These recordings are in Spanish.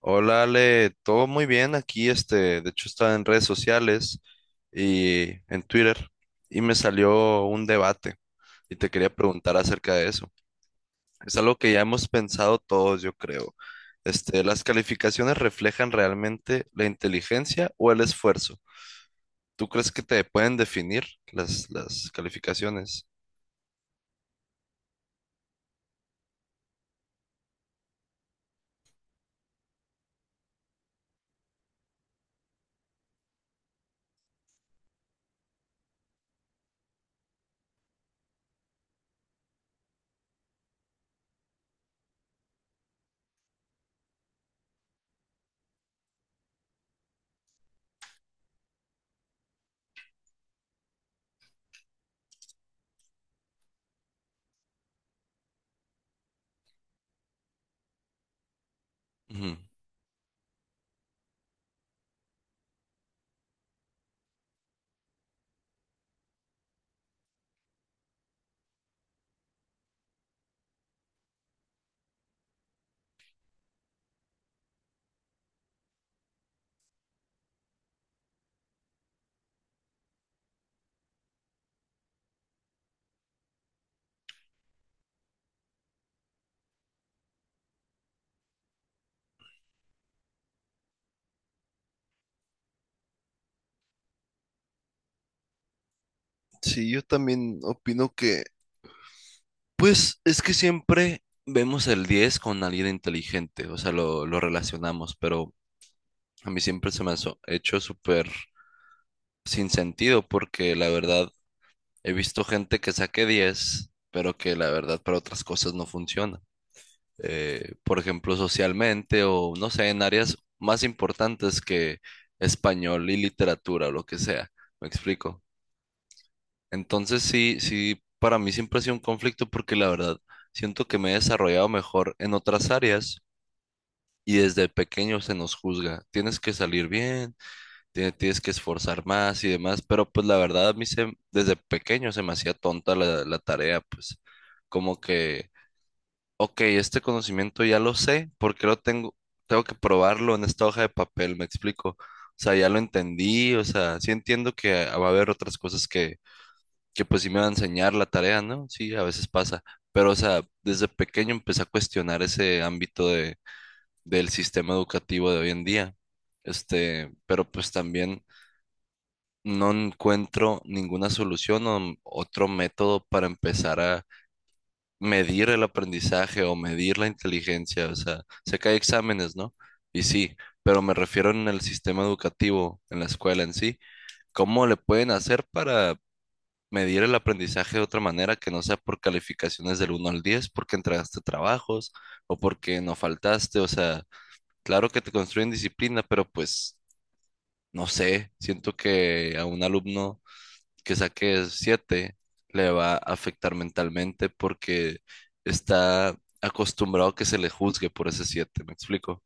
Hola Ale, todo muy bien aquí, de hecho estaba en redes sociales y en Twitter y me salió un debate y te quería preguntar acerca de eso. Es algo que ya hemos pensado todos, yo creo. ¿Las calificaciones reflejan realmente la inteligencia o el esfuerzo? ¿Tú crees que te pueden definir las calificaciones? Ujú. Sí, yo también opino que, pues es que siempre vemos el 10 con alguien inteligente, o sea, lo relacionamos, pero a mí siempre se me ha hecho súper sin sentido porque la verdad he visto gente que saque 10 pero que la verdad para otras cosas no funciona. Por ejemplo, socialmente o no sé, en áreas más importantes que español y literatura o lo que sea. ¿Me explico? Entonces sí, sí, para mí siempre ha sido un conflicto porque la verdad siento que me he desarrollado mejor en otras áreas y desde pequeño se nos juzga. Tienes que salir bien, tienes que esforzar más y demás, pero pues la verdad a mí desde pequeño se me hacía tonta la tarea, pues como que, ok, este conocimiento ya lo sé, ¿porque lo tengo? Tengo que probarlo en esta hoja de papel, me explico. O sea, ya lo entendí, o sea, sí entiendo que va a haber otras cosas que pues sí me va a enseñar la tarea, ¿no? Sí, a veces pasa. Pero, o sea, desde pequeño empecé a cuestionar ese ámbito del sistema educativo de hoy en día. Pero pues también no encuentro ninguna solución o otro método para empezar a medir el aprendizaje o medir la inteligencia. O sea, sé que hay exámenes, ¿no? Y sí, pero me refiero en el sistema educativo, en la escuela en sí. ¿Cómo le pueden hacer para medir el aprendizaje de otra manera que no sea por calificaciones del 1 al 10 porque entregaste trabajos o porque no faltaste? O sea, claro que te construyen disciplina, pero pues no sé, siento que a un alumno que saque 7 le va a afectar mentalmente porque está acostumbrado a que se le juzgue por ese 7, ¿me explico?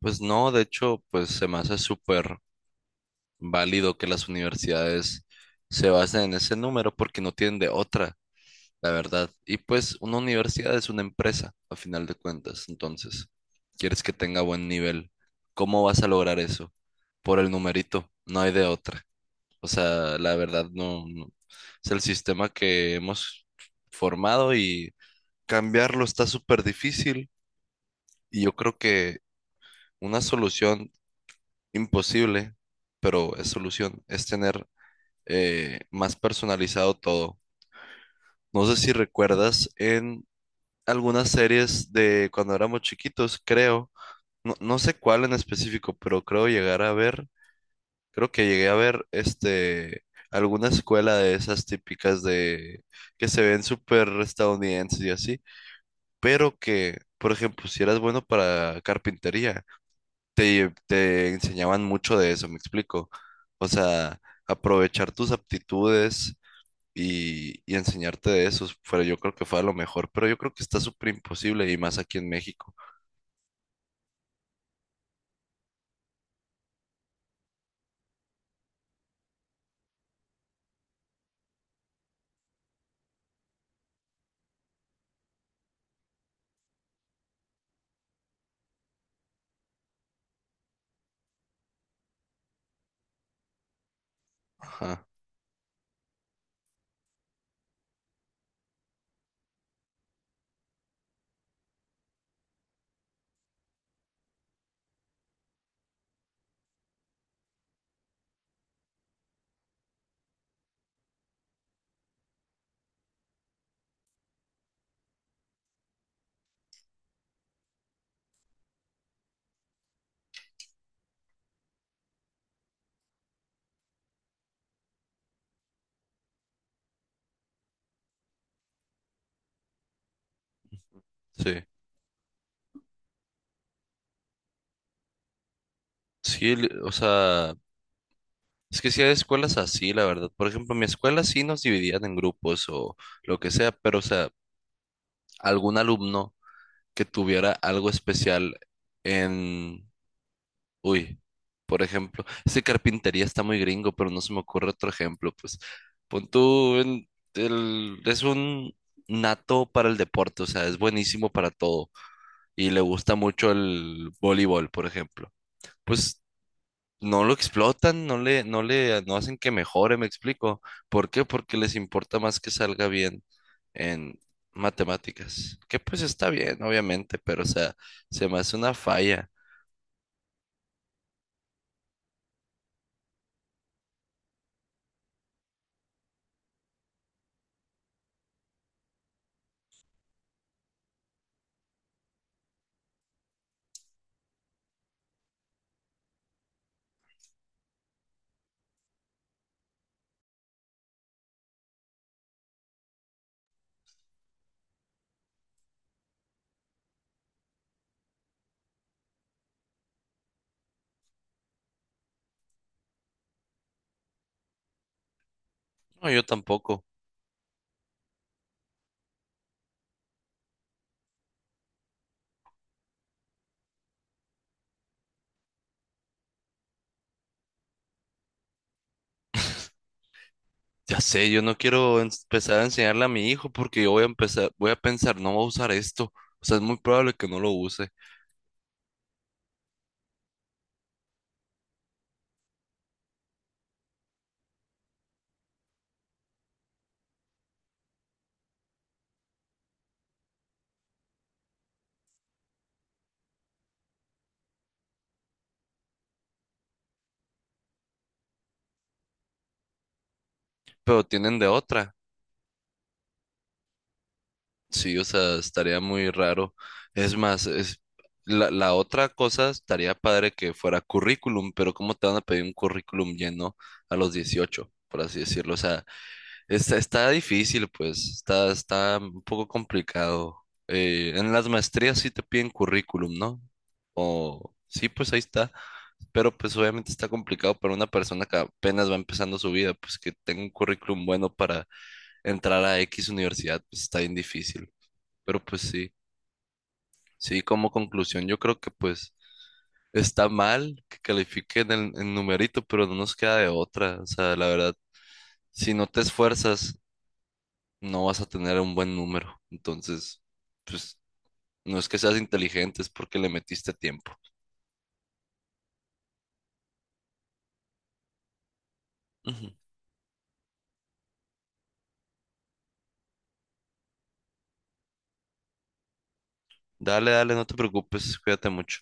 Pues no, de hecho, pues se me hace súper válido que las universidades se basen en ese número porque no tienen de otra, la verdad. Y pues una universidad es una empresa, a final de cuentas. Entonces, quieres que tenga buen nivel. ¿Cómo vas a lograr eso? Por el numerito, no hay de otra. O sea, la verdad es el sistema que hemos formado y cambiarlo está súper difícil. Y yo creo que una solución imposible, pero es solución, es tener más personalizado todo. No sé si recuerdas en algunas series de cuando éramos chiquitos, creo. No, no sé cuál en específico, pero creo llegar a ver, creo que llegué a ver alguna escuela de esas típicas de que se ven súper estadounidenses y así, pero que, por ejemplo, si eras bueno para carpintería, te enseñaban mucho de eso, me explico. O sea, aprovechar tus aptitudes y enseñarte de eso, yo creo que fue a lo mejor, pero yo creo que está súper imposible y más aquí en México. Ajá, sí. Sí, o sea, es que sí hay escuelas así, la verdad. Por ejemplo, en mi escuela sí nos dividían en grupos o lo que sea, pero o sea, algún alumno que tuviera algo especial en... Uy, por ejemplo, carpintería está muy gringo, pero no se me ocurre otro ejemplo. Pues pon tú, en el... es un nato para el deporte, o sea, es buenísimo para todo y le gusta mucho el voleibol, por ejemplo. Pues no lo explotan, no hacen que mejore, me explico. ¿Por qué? Porque les importa más que salga bien en matemáticas. Que pues está bien, obviamente, pero o sea, se me hace una falla. No, yo tampoco. Ya sé, yo no quiero empezar a enseñarle a mi hijo porque yo voy a empezar, voy a pensar, no voy a usar esto. O sea, es muy probable que no lo use, pero tienen de otra. Sí, o sea, estaría muy raro. Es más, es la otra cosa estaría padre que fuera currículum, pero ¿cómo te van a pedir un currículum lleno a los 18, por así decirlo? O sea, está difícil, pues, está un poco complicado. En las maestrías sí te piden currículum, ¿no? O sí, pues ahí está. Pero pues obviamente está complicado para una persona que apenas va empezando su vida, pues que tenga un currículum bueno para entrar a X universidad, pues está bien difícil. Pero pues sí, sí, como conclusión, yo creo que pues está mal que califiquen el numerito, pero no nos queda de otra. O sea, la verdad, si no te esfuerzas, no vas a tener un buen número. Entonces, pues no es que seas inteligente, es porque le metiste tiempo. Ujú. Dale, dale, no te preocupes, cuídate mucho.